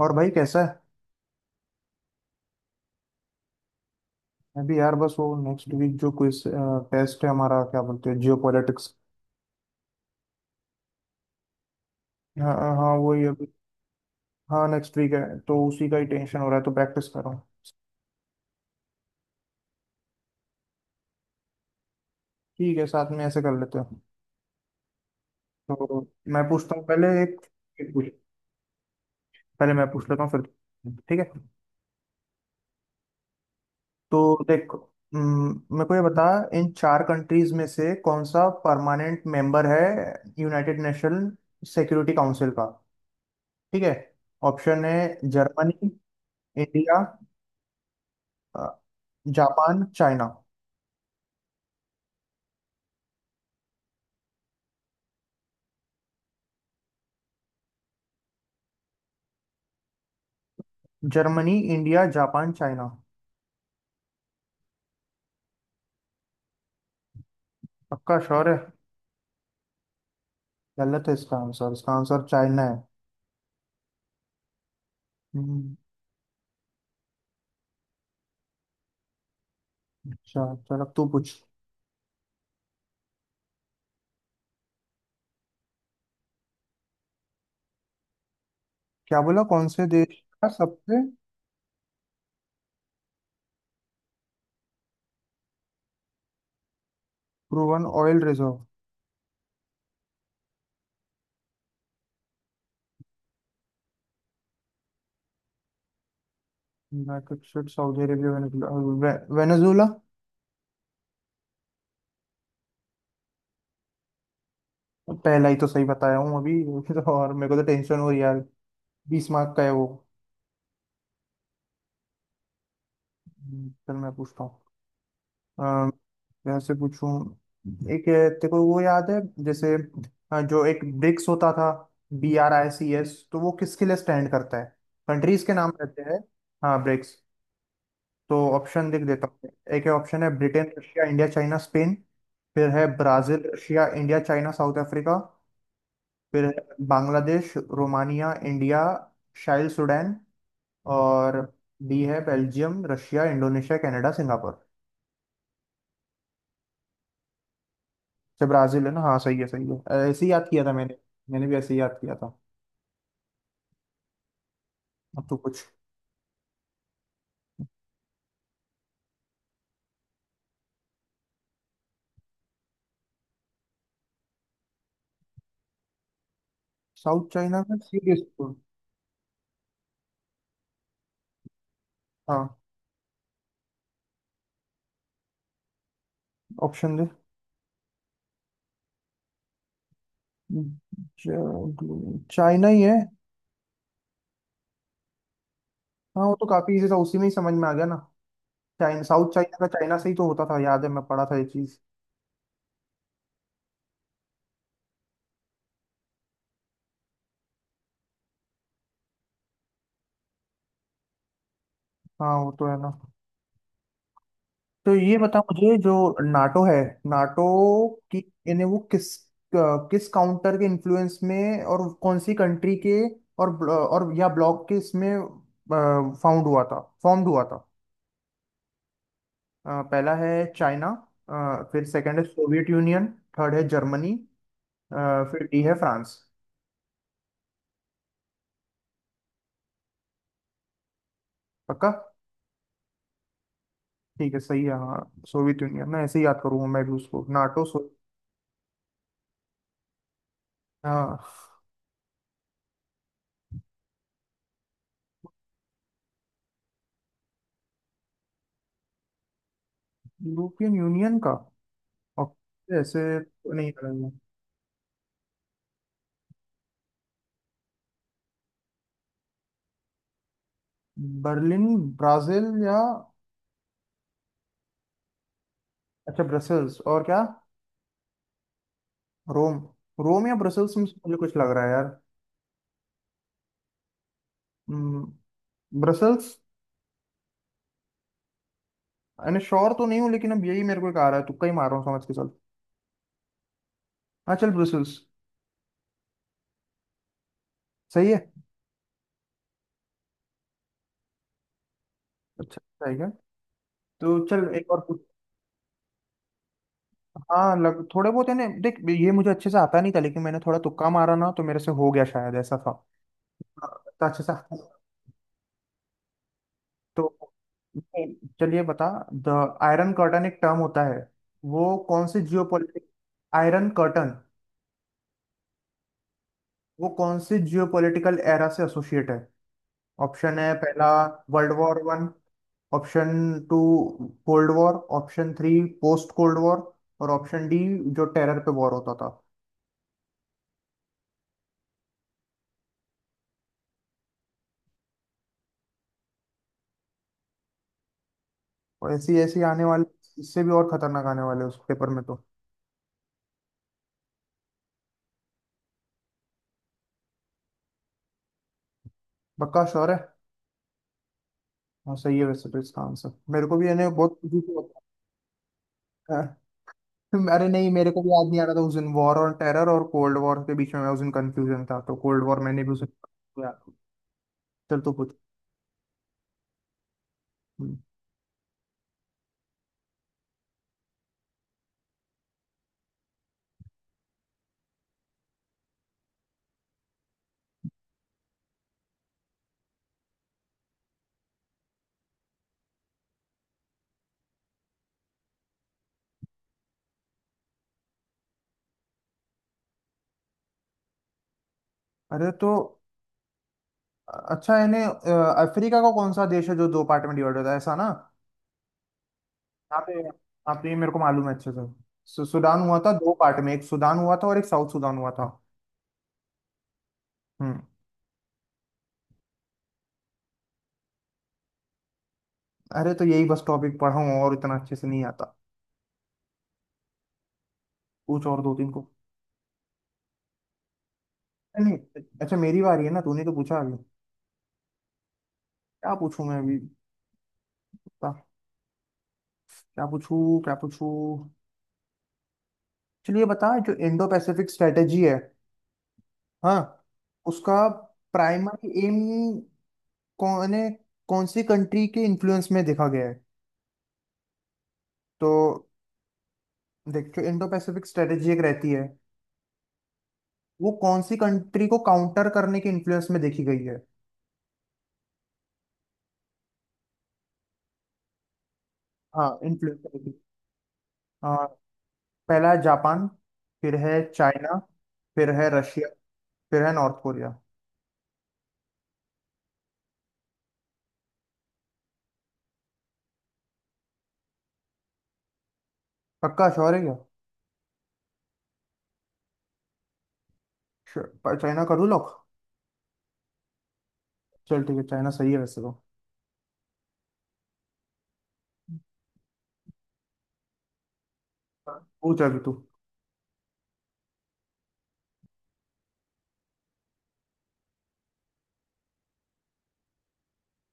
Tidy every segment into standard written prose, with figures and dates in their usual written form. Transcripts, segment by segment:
और भाई कैसा है। अभी यार बस वो नेक्स्ट वीक जो क्विज टेस्ट है हमारा, क्या बोलते हैं, जियो पॉलिटिक्स। हाँ हाँ वही अभी। हाँ नेक्स्ट वीक है। तो उसी का ही टेंशन हो रहा है तो प्रैक्टिस कर रहा हूँ। ठीक है, साथ में ऐसे कर लेते हैं। तो मैं पूछता हूँ पहले एक पूछ। पहले मैं पूछ लेता हूँ फिर। ठीक है। तो देख, मेरे को ये बता, इन चार कंट्रीज में से कौन सा परमानेंट मेंबर है यूनाइटेड नेशन सिक्योरिटी काउंसिल का। ठीक है। ऑप्शन है जर्मनी, इंडिया, अ, Japan, China. Germany, India, Japan, China. पक्का श्योर है? गलत है इसका आंसर। इसका आंसर चाइना है। हम्म, अच्छा चल अब तू पूछ। क्या बोला, कौन से देश का सबसे proven oil reserve? United State, Saudi Arabia, Venezuela. Venezuela? पहला ही तो सही बताया हूँ अभी तो और मेरे को तो टेंशन हो रही है यार। 20 मार्क का है वो। चल मैं पूछता हूँ। अम, वैसे पूछूं एक, तेरे को वो याद है, जैसे जो एक ब्रिक्स होता था, BRICS, तो वो किसके लिए स्टैंड करता है? कंट्रीज के नाम रहते हैं। हाँ ब्रिक्स। तो ऑप्शन लिख देता हूँ। एक है ऑप्शन है Britain, Russia, India, China, Spain. फिर है Brazil, Russia, India, China, South Africa. फिर है Bangladesh, Romania, India, Chile, Sudan. और बी है Belgium, Russia, Indonesia, Canada, Singapore. अच्छा ब्राजील है ना, हाँ सही है सही है। ऐसे ही याद किया था मैंने। मैंने भी ऐसे ही याद किया था। अब तो कुछ साउथ चाइना में सीरीज। हाँ ऑप्शन दे। चाइना ही है। हाँ वो तो काफी इजी था, उसी में ही समझ में आ गया ना। चाइना, साउथ चाइना का चाइना से ही तो होता था, याद है मैं पढ़ा था ये चीज। हाँ वो तो है ना। तो ये बताओ मुझे, जो नाटो है, नाटो की, इन्हें वो किस किस काउंटर के इन्फ्लुएंस में और कौन सी कंट्री के और और या ब्लॉक के इसमें फाउंड हुआ था, फॉर्म्ड हुआ था। पहला है चाइना। फिर सेकंड है सोवियत यूनियन। थर्ड है जर्मनी। अ, फिर डी है फ्रांस। पक्का? ठीक है सही है हाँ। सोवियत यूनियन, मैं ऐसे ही याद करूंगा, मैं भी उसको नाटो सो। हाँ यूरोपियन यूनियन का और ऐसे तो नहीं। बर्लिन, ब्राजील या? अच्छा ब्रसेल्स, और क्या? रोम। रोम या ब्रसेल्स में से मुझे कुछ लग रहा है यार। हम्म, ब्रसेल्स। यानी श्योर तो नहीं हूँ लेकिन अब यही मेरे को एक आ रहा है, तुक्का ही मार रहा हूँ, समझ के चल। हाँ चल ब्रसेल्स। सही है। अच्छा सही है। तो चल एक और पूछ। हाँ लग थोड़े बहुत है ना, देख ये मुझे अच्छे से आता नहीं था लेकिन मैंने थोड़ा तुक्का मारा ना तो मेरे से हो गया, शायद ऐसा था। हाँ, तो अच्छे से। तो चलिए बता, द आयरन कर्टन एक टर्म होता है, वो कौन से जियोपॉलिटिक। आयरन कर्टन, वो कौन से जियोपॉलिटिकल एरा से एसोसिएट है? ऑप्शन है पहला world war one. Option two cold war. Option three post cold war. और ऑप्शन डी जो टेरर पे वॉर होता था। और ऐसी ऐसी आने वाले, इससे भी और खतरनाक आने वाले उस पेपर में तो। पक्का श्योर है? हाँ सही है, वैसे तो इसका आंसर मेरे को भी, यानी बहुत खुशी से पता। अरे नहीं, मेरे को भी याद नहीं आ रहा था उस दिन, वॉर और टेरर और कोल्ड वॉर के बीच में मैं उस दिन कंफ्यूजन था, तो कोल्ड वॉर मैंने भी उस दिन किया। चल तो पूछ। हम्म। अरे तो अच्छा यानी अफ्रीका का कौन सा देश है जो दो पार्ट में डिवाइड होता है, ऐसा ना? यहाँ पे ये मेरे को मालूम है अच्छे से। सुडान हुआ था दो पार्ट में, एक सुडान हुआ था और एक साउथ सुडान हुआ था। हम्म। अरे तो यही बस टॉपिक पढ़ा हूँ, और इतना अच्छे से नहीं आता। पूछ और दो तीन को। नहीं नहीं, अच्छा मेरी बारी है ना, तूने तो पूछा अभी। क्या पूछूं मैं अभी, क्या, क्या पूछूं क्या पूछूं। चलिए बता, जो इंडो पैसिफिक स्ट्रेटेजी है, हाँ उसका प्राइमरी एम कौन है, कौन सी कंट्री के इन्फ्लुएंस में देखा गया है? तो देख, जो इंडो पैसिफिक स्ट्रेटेजी एक रहती है, वो कौन सी कंट्री को काउंटर करने के इन्फ्लुएंस में देखी गई है। हाँ इन्फ्लुएंस में देखी। हाँ पहला है जापान। फिर है चाइना। फिर है रशिया। फिर है नॉर्थ कोरिया। पक्का श्योर है क्या? श्योर- चाइना का लॉक। चल ठीक है चाइना सही है वैसे तो। हाँ, पूछ अभी तू।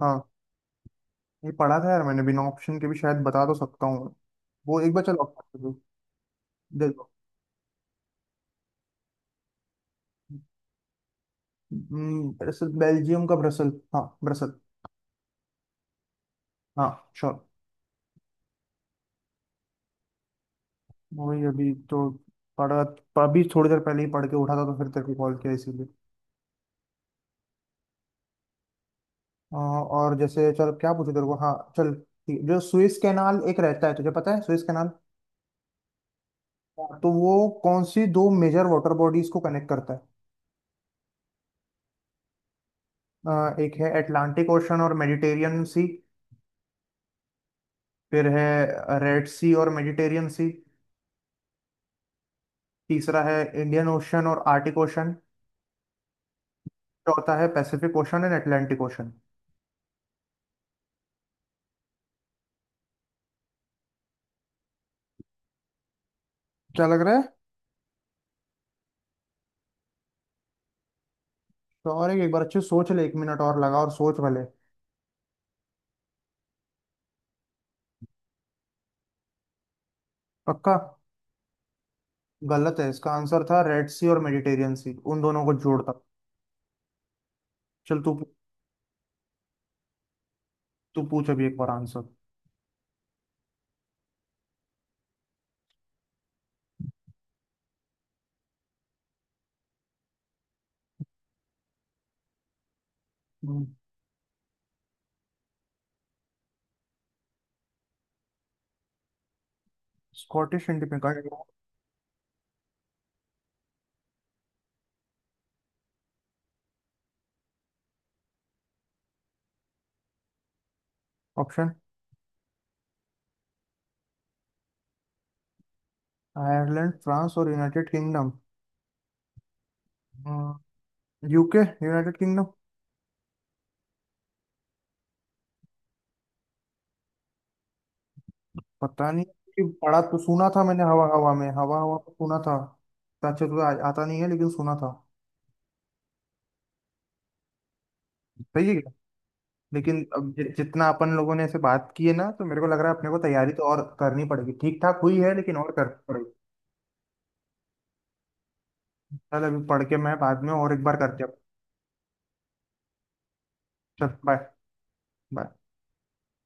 हाँ ये पढ़ा था यार मैंने, बिना ऑप्शन के भी शायद बता तो सकता हूँ। वो एक बार चलो option दो। देखो। ब्रसल, बेल्जियम का ब्रसल, हाँ ब्रसल। हाँ श्योर। वही अभी तो पढ़ा, अभी थोड़ी देर पहले ही पढ़ के उठा था तो फिर तेरे को कॉल किया इसीलिए। और जैसे चल क्या पूछो तेरे को, हाँ चल ठीक है। जो सुएज कैनाल एक रहता है, तुझे पता है सुएज कैनाल? हाँ। तो वो कौन सी दो मेजर वाटर बॉडीज को कनेक्ट करता है? एक है अटलांटिक ओशन और मेडिटेरियन सी। फिर है रेड सी और मेडिटेरियन सी। तीसरा है इंडियन ओशन और आर्टिक ओशन। चौथा है Pacific Ocean and Atlantic Ocean. क्या लग रहा है? तो और एक बार अच्छे से सोच ले, एक मिनट और लगा और सोच भले। पक्का? गलत है, इसका आंसर था रेड सी और मेडिटेरियन सी, उन दोनों को जोड़ता। चल तू, तू पूछ अभी एक बार answer. Scottish independent, option Ireland, France और United Kingdom. UK, United Kingdom. पता नहीं, कि पढ़ा तो सुना था मैंने, हवा हवा में, हवा हवा को सुना था। अच्छा तुझे आता नहीं है लेकिन सुना था। सही है। लेकिन अब जितना अपन लोगों ने ऐसे बात की है ना तो मेरे को लग रहा है अपने को तैयारी तो और करनी पड़ेगी, ठीक ठाक हुई है लेकिन और करनी पड़ेगी। चल अभी पढ़ के मैं बाद में और एक बार करते हैं। चल बाय। बाय।